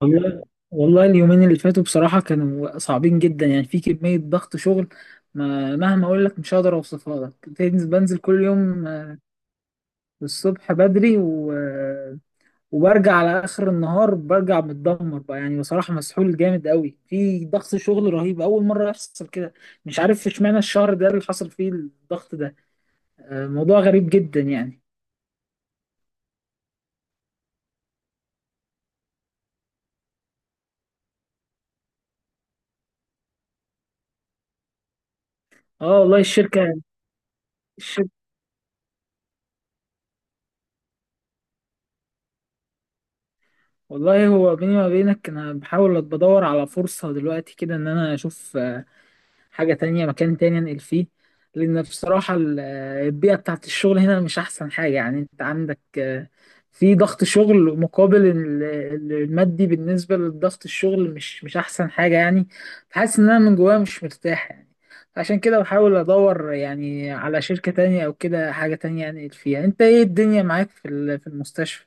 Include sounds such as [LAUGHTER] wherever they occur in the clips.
والله والله اليومين اللي فاتوا بصراحة كانوا صعبين جدا، يعني في كمية ضغط شغل. ما مهما أقول لك مش هقدر أوصفها لك. بنزل كل يوم، الصبح بدري و... آه، وبرجع على آخر النهار، برجع متدمر بقى. يعني بصراحة مسحول جامد قوي، في ضغط شغل رهيب، أول مرة يحصل كده. مش عارف اشمعنى الشهر ده اللي حصل فيه الضغط ده. موضوع غريب جدا يعني. اه والله الشركة. الشركة. والله هو بيني وما بينك، أنا بحاول بدور على فرصة دلوقتي كده إن أنا أشوف حاجة تانية مكان تاني انقل فيه. لأن بصراحة البيئة بتاعت الشغل هنا مش أحسن حاجة، يعني أنت عندك في ضغط شغل مقابل المادي. بالنسبة لضغط الشغل مش أحسن حاجة يعني. فحاسس إن أنا من جوايا مش مرتاح يعني. عشان كده بحاول أدور يعني على شركة تانية أو كده حاجة تانية أنقل فيها. يعني أنت إيه الدنيا معاك في في المستشفى؟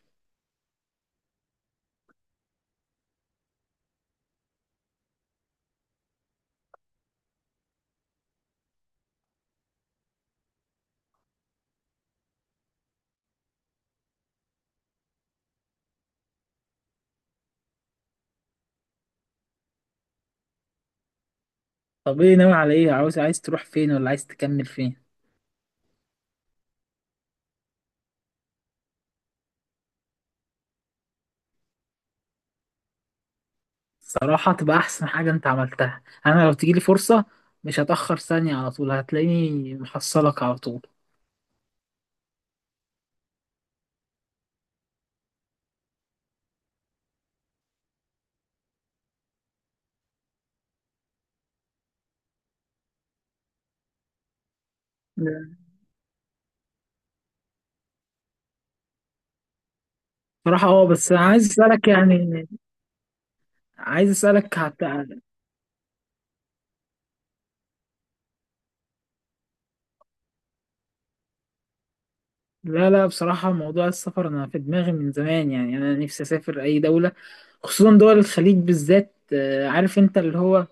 طب إيه ناوي على إيه؟ عايز تروح فين ولا عايز تكمل فين؟ صراحة تبقى أحسن حاجة أنت عملتها. أنا لو تجيلي فرصة مش هتأخر ثانية، على طول هتلاقيني محصلك على طول. بصراحة بس أنا عايز أسألك يعني. عايز أسألك حتى. لا لا، بصراحة موضوع السفر أنا في دماغي من زمان، يعني أنا نفسي أسافر أي دولة، خصوصا دول الخليج بالذات. عارف أنت اللي هو.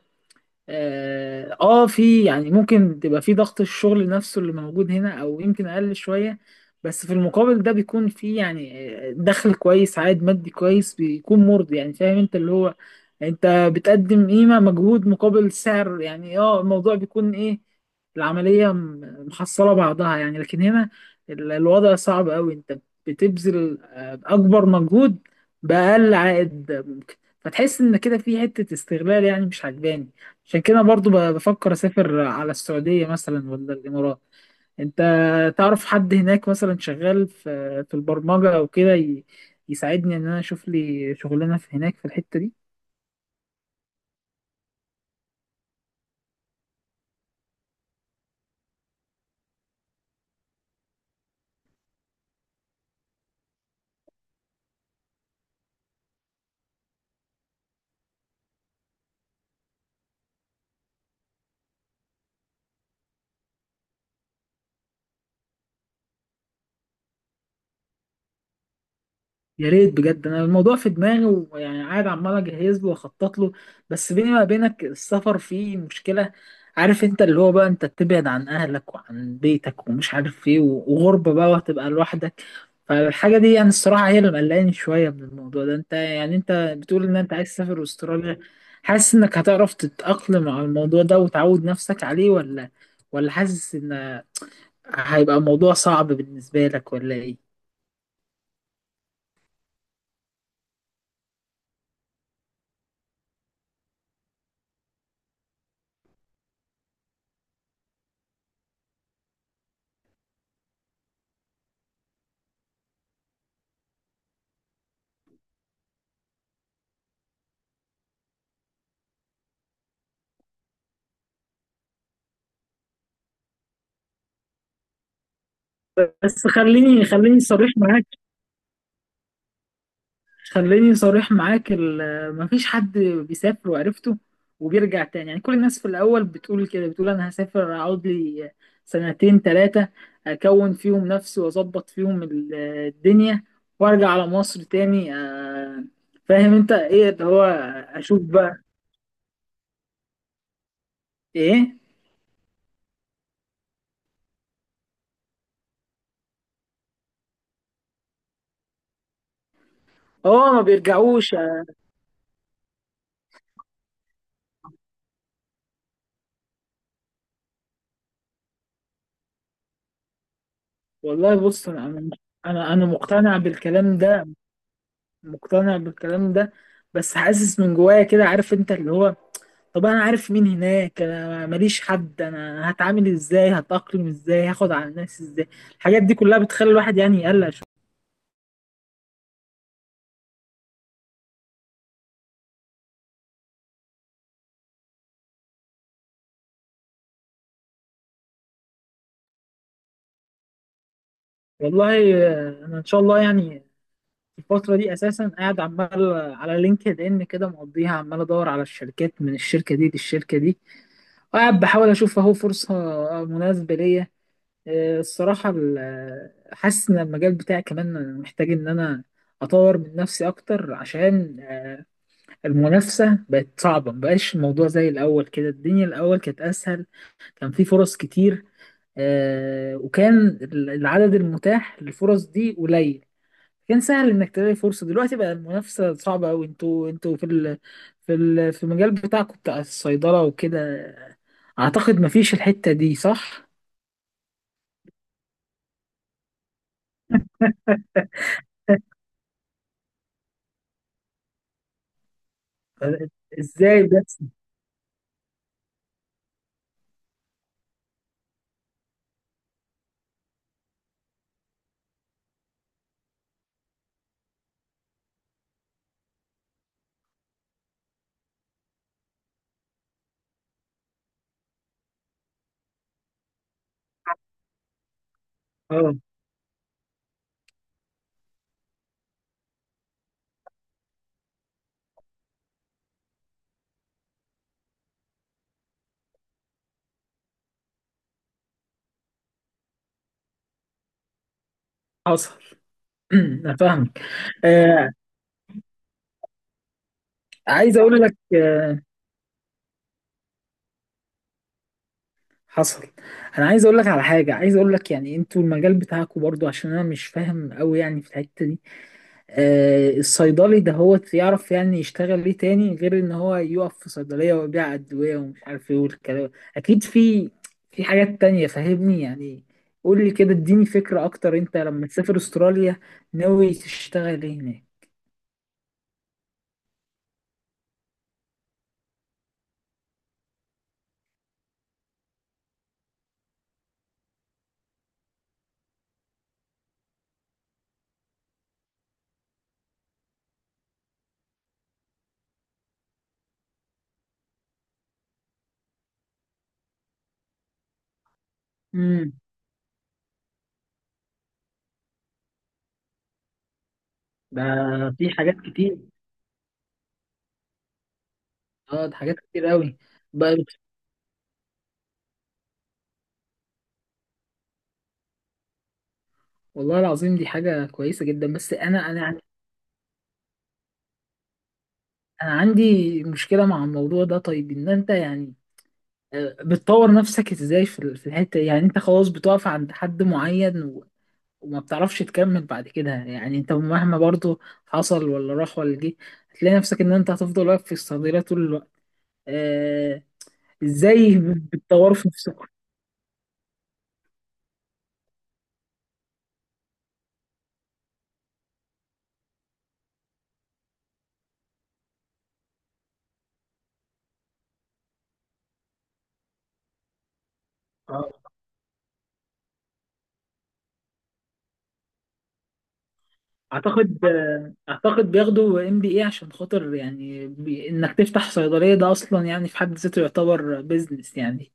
في يعني ممكن تبقى في ضغط الشغل نفسه اللي موجود هنا او يمكن اقل شوية، بس في المقابل ده بيكون في يعني دخل كويس، عائد مادي كويس بيكون مرضي يعني. فاهم انت اللي هو، انت بتقدم قيمة مجهود مقابل سعر. يعني الموضوع بيكون ايه، العملية محصلة بعضها يعني. لكن هنا الوضع صعب قوي، انت بتبذل اكبر مجهود بأقل عائد ممكن، فتحس ان كده في حتة استغلال يعني مش عجباني. عشان كده برضو بفكر اسافر على السعودية مثلا ولا الامارات. انت تعرف حد هناك مثلا شغال في البرمجة او كده يساعدني ان انا اشوف لي شغلانة في هناك في الحتة دي. يا ريت بجد، انا الموضوع في دماغي ويعني قاعد عمال اجهز له واخطط له. بس بيني ما بينك السفر فيه مشكلة، عارف انت اللي هو بقى انت تبعد عن اهلك وعن بيتك ومش عارف ايه وغربة بقى وهتبقى لوحدك. فالحاجة دي يعني الصراحة هي اللي مقلقاني شوية من الموضوع ده. انت يعني انت بتقول ان انت عايز تسافر استراليا، حاسس انك هتعرف تتأقلم على الموضوع ده وتعود نفسك عليه ولا حاسس ان هيبقى الموضوع صعب بالنسبة لك ولا ايه؟ بس خليني خليني صريح معاك، خليني صريح معاك. مفيش حد بيسافر وعرفته وبيرجع تاني. يعني كل الناس في الأول بتقول كده، بتقول أنا هسافر أقعد لي سنتين تلاتة أكون فيهم نفسي وأظبط فيهم الدنيا وأرجع على مصر تاني. فاهم أنت إيه اللي هو، أشوف بقى. إيه؟ آه، ما بيرجعوش. والله بص أنا مقتنع بالكلام ده، مقتنع بالكلام ده. بس حاسس من جوايا كده، عارف انت اللي هو. طب انا عارف مين هناك؟ انا ماليش حد. انا هتعامل ازاي؟ هتأقلم ازاي؟ هاخد على الناس ازاي؟ الحاجات دي كلها بتخلي الواحد يعني يقلق شوية. والله انا ان شاء الله يعني الفترة دي اساسا قاعد عمال على لينكد ان كده، مقضيها عمال ادور على الشركات، من الشركة دي للشركة دي، وقاعد بحاول اشوف اهو فرصة مناسبة ليا. آه، الصراحة ال- آه، حاسس إن المجال بتاعي كمان أنا محتاج إن أنا أطور من نفسي أكتر، عشان المنافسة بقت صعبة. مبقاش الموضوع زي الأول كده، الدنيا الأول كانت أسهل، كان في فرص كتير. وكان العدد المتاح للفرص دي قليل، كان سهل إنك تلاقي فرصة. دلوقتي بقى المنافسة صعبة أوي. أنتوا في المجال بتاعكم بتاع الصيدلة وكده، أعتقد مفيش الحتة دي صح؟ آه، إزاي بس؟ حصل. [CLEARS THROAT] انا فاهمك. آه عايز اقول لك، حصل. انا عايز اقول لك على حاجه، عايز اقول لك يعني انتوا المجال بتاعكم برضو، عشان انا مش فاهم قوي يعني في الحته دي. الصيدلي ده هو يعرف يعني يشتغل ليه تاني غير ان هو يقف في صيدليه ويبيع ادويه ومش عارف ايه والكلام؟ اكيد في حاجات تانية فاهمني يعني. قول لي كده اديني فكره اكتر، انت لما تسافر استراليا ناوي تشتغل ايه هناك؟ امم. ده في حاجات كتير. اه، ده حاجات كتير قوي بقى. والله العظيم دي حاجة كويسة جدا. بس انا يعني، انا عندي مشكلة مع الموضوع ده. طيب ان انت يعني بتطور نفسك ازاي في في الحتة دي؟ يعني انت خلاص بتقف عند حد معين وما بتعرفش تكمل بعد كده؟ يعني انت مهما برضو حصل ولا راح ولا جه، هتلاقي نفسك ان انت هتفضل واقف في الصدارة طول الوقت. آه. ازاي بتطور في نفسك؟ آه. اعتقد اعتقد بياخدوا MBA عشان خاطر يعني انك تفتح صيدليه ده اصلا يعني في حد ذاته يعتبر بيزنس يعني.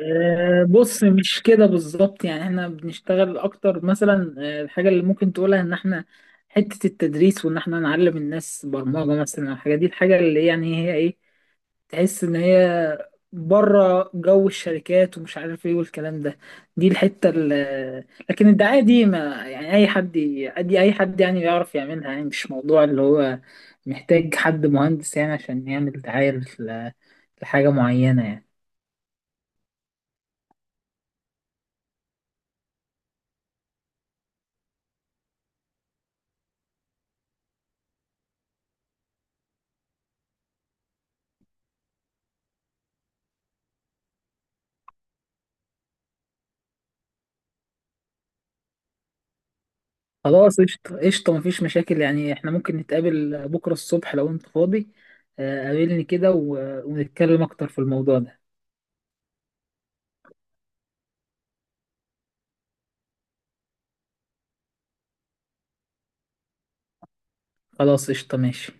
أه بص، مش كده بالظبط. يعني احنا بنشتغل اكتر مثلا، الحاجه اللي ممكن تقولها ان احنا حته التدريس وان احنا نعلم الناس برمجه مثلا. الحاجه اللي يعني هي ايه، تحس ان هي بره جو الشركات ومش عارف ايه والكلام ده. دي الحته لكن الدعايه دي ما يعني، دي اي حد يعني يعرف يعملها. يعني مش موضوع اللي هو محتاج حد مهندس يعني عشان يعمل دعايه ل- لحاجه معينه يعني. خلاص قشطه قشطه مفيش مشاكل. يعني احنا ممكن نتقابل بكره الصبح لو انت فاضي. قابلني كده ونتكلم اكتر في الموضوع ده. خلاص قشطه ماشي.